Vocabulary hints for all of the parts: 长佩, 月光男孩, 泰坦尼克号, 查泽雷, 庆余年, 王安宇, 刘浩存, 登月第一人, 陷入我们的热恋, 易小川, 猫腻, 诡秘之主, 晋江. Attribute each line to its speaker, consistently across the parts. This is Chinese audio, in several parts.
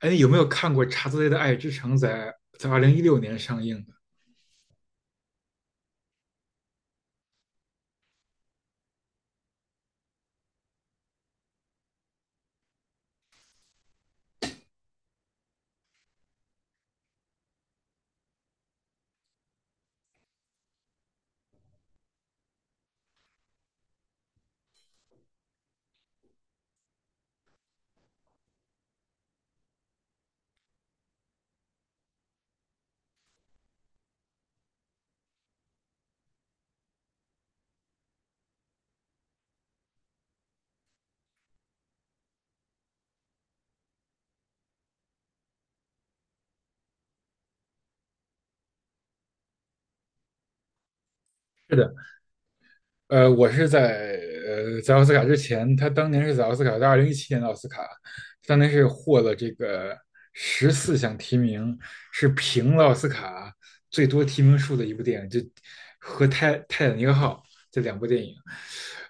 Speaker 1: 哎，有没有看过《查泽雷的爱之城》在2016年上映的。是的？我是在在奥斯卡之前，他当年是在奥斯卡，在2017年的奥斯卡，当年是获了这个14项提名，是平了奥斯卡最多提名数的一部电影，就和《泰坦尼克号》这两部电影。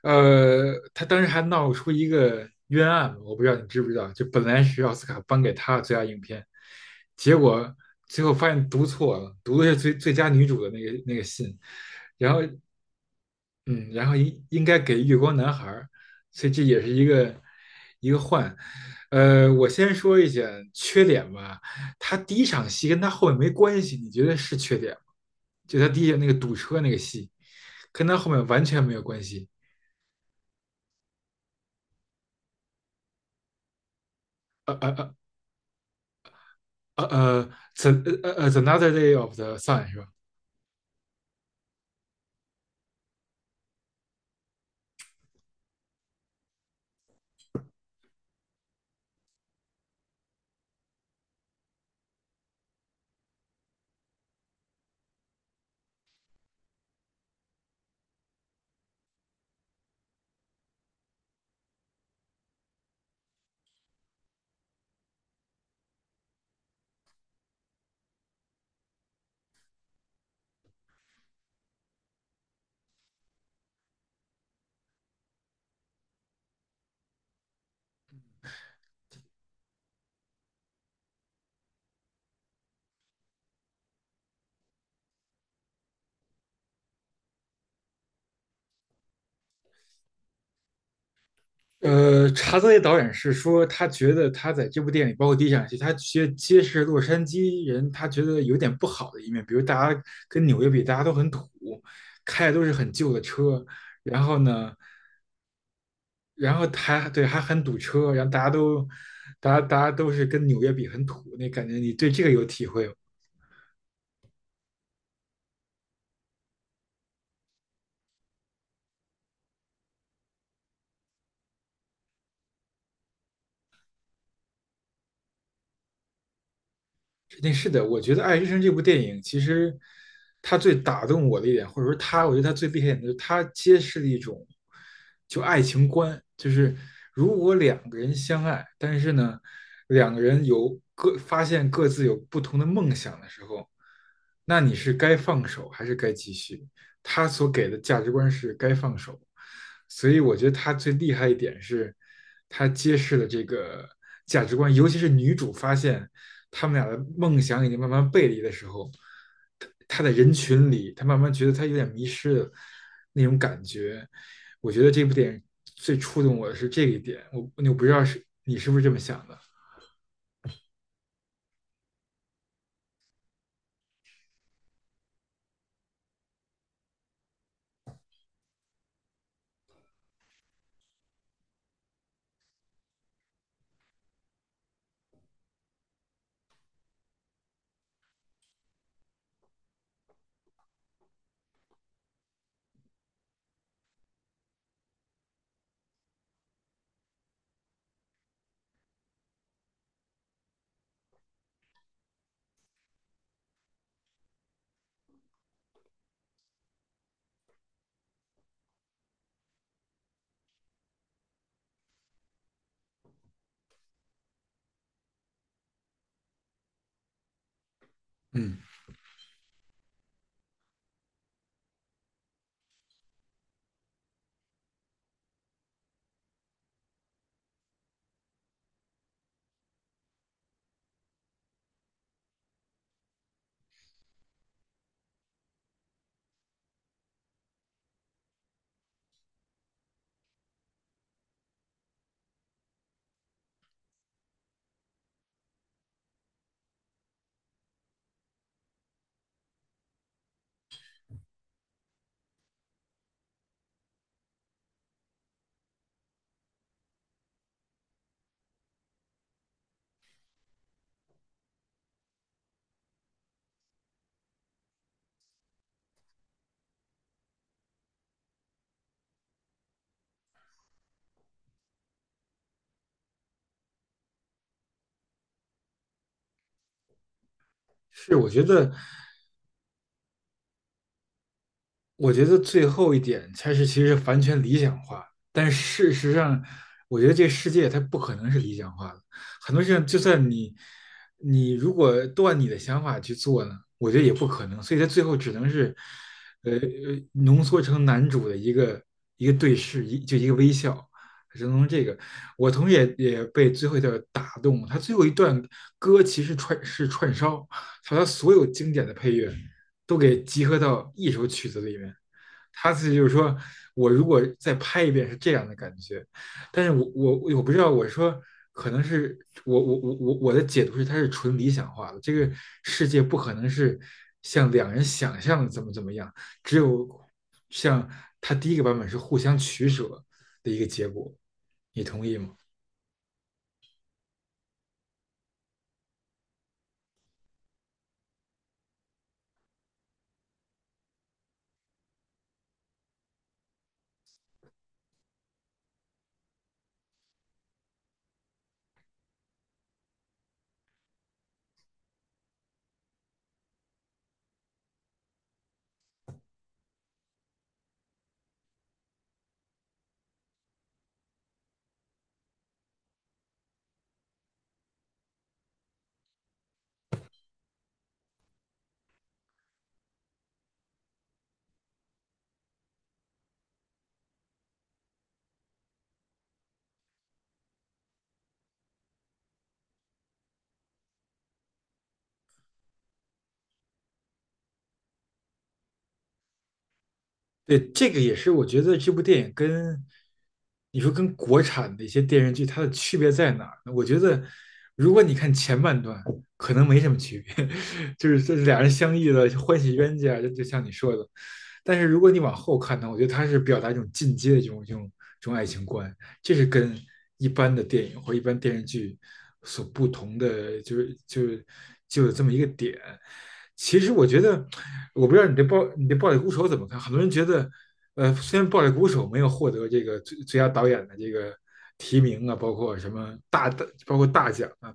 Speaker 1: 他当时还闹出一个冤案，我不知道你知不知道，就本来是奥斯卡颁给他的最佳影片，结果最后发现读错了，读的是最佳女主的那个信，然后嗯，然后应该给月光男孩儿，所以这也是一个一个换。我先说一下缺点吧，他第一场戏跟他后面没关系，你觉得是缺点吗？就他那个堵车那个戏，跟他后面完全没有关系。呃呃呃呃呃，the t h another day of the sun 是吧？查泽雷导演是说，他觉得他在这部电影里包括第一场戏，他觉得揭示洛杉矶人，他觉得有点不好的一面，比如大家跟纽约比，大家都很土，开的都是很旧的车，然后呢，然后还很堵车，大家都是跟纽约比很土，那感觉你对这个有体会吗？肯定是的，我觉得《爱之深》这部电影，其实它最打动我的一点，或者说它，我觉得它最厉害的，就是它揭示了一种就爱情观，就是如果两个人相爱，但是呢，两个人有各发现各自有不同的梦想的时候，那你是该放手还是该继续？他所给的价值观是该放手，所以我觉得他最厉害一点是，他揭示了这个价值观，尤其是女主发现。他们俩的梦想已经慢慢背离的时候，他在人群里，他慢慢觉得他有点迷失的那种感觉。我觉得这部电影最触动我的是这一点，我我不知道是你是不是这么想的。嗯，是，我觉得最后一点才是其实是完全理想化，但事实上，我觉得这世界它不可能是理想化的。很多事情，就算你如果都按你的想法去做呢，我觉得也不可能。所以它最后只能是，呃，呃浓缩成男主的一个一个对视，就一个微笑，只能从这个。我同时也被最后一段打动，他最后一段歌其实串烧，他所有经典的配乐。都给集合到一首曲子里面。他自己就是说，我如果再拍一遍是这样的感觉，但是我不知道，我说可能是我的解读是它是纯理想化的，这个世界不可能是像两人想象的怎么怎么样，只有像他第一个版本是互相取舍的一个结果，你同意吗？对，这个也是我觉得这部电影跟你说跟国产的一些电视剧它的区别在哪儿呢？我觉得如果你看前半段，可能没什么区别，就是这俩人相遇了，欢喜冤家，就像你说的。但是如果你往后看呢，我觉得它是表达一种进阶的这种爱情观，这是跟一般的电影或一般电视剧所不同的，就有这么一个点。其实我觉得，我不知道你对暴力鼓手怎么看？很多人觉得，呃，虽然暴力鼓手没有获得这个最佳导演的这个提名啊，包括什么大的，包括大奖啊，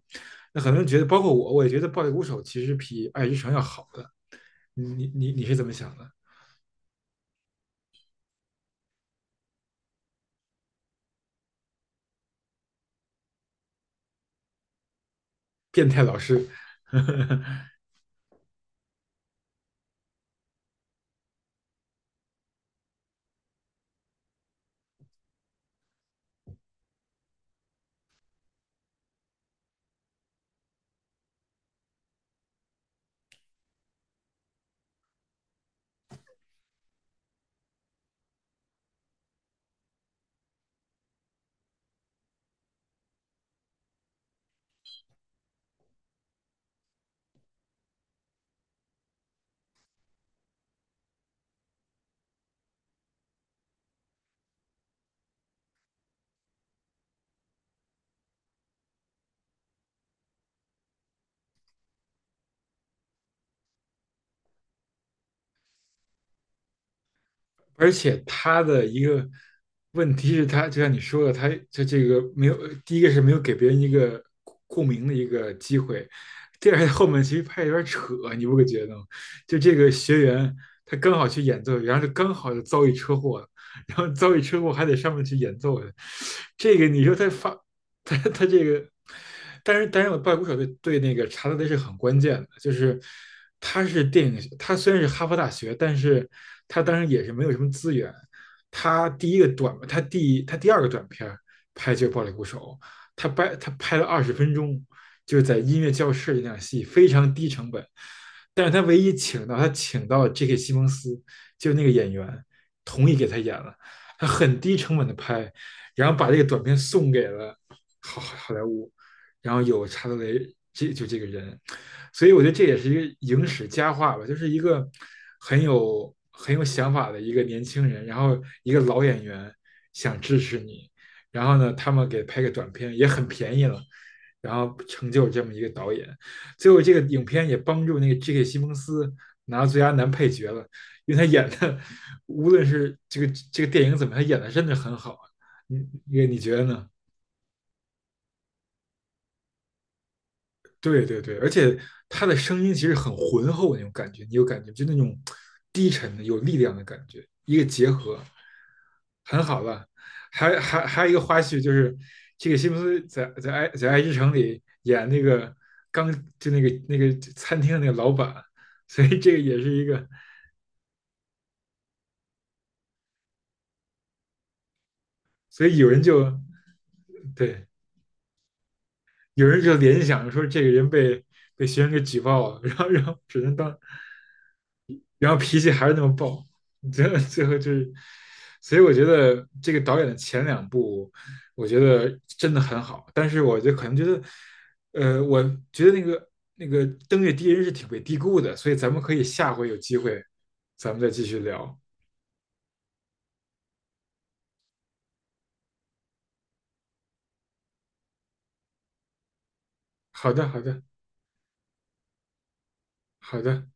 Speaker 1: 那很多人觉得，包括我，我也觉得暴力鼓手其实比爱之城要好的。你是怎么想的？变态老师，而且他的一个问题是他，就像你说的，他就这个没有，第一个是没有给别人一个共鸣的一个机会，第二后面其实拍得有点扯，你不会觉得吗？就这个学员他刚好去演奏，然后就刚好就遭遇车祸了，然后遭遇车祸还得上面去演奏的这个你说他发他这个，但是我拜鼓手对那个查德雷是很关键的，就是他是电影，他虽然是哈佛大学，但是他当时也是没有什么资源。他第二个短片拍就是《暴力鼓手》，他拍了20分钟，就是在音乐教室那场戏，非常低成本。但是他唯一他请到 J.K. 西蒙斯，就是那个演员，同意给他演了。他很低成本的拍，然后把这个短片送给了好莱坞，然后有查德雷这个人，所以我觉得这也是一个影史佳话吧，就是一个很有想法的一个年轻人，然后一个老演员想支持你，然后呢，他们给拍个短片也很便宜了，然后成就这么一个导演，最后这个影片也帮助那个 J.K. 西蒙斯拿到最佳男配角了，因为他演的无论是这个电影怎么，他演的真的很好啊，你你觉得呢？对对对，而且他的声音其实很浑厚那种感觉，你有感觉就那种低沉的有力量的感觉，一个结合很好了。还有一个花絮就是这个西蒙斯在爱之城里演那个刚那个餐厅的那个老板，所以这个也是一个，所以有人就对有人就联想说这个人被被学生给举报了，然后只能当然后脾气还是那么暴，最后就是，所以我觉得这个导演的前两部，我觉得真的很好，但是我就可能觉得，我觉得那个《登月第一人》是挺被低估的，所以咱们可以下回有机会，咱们再继续聊。好的，好的，好的。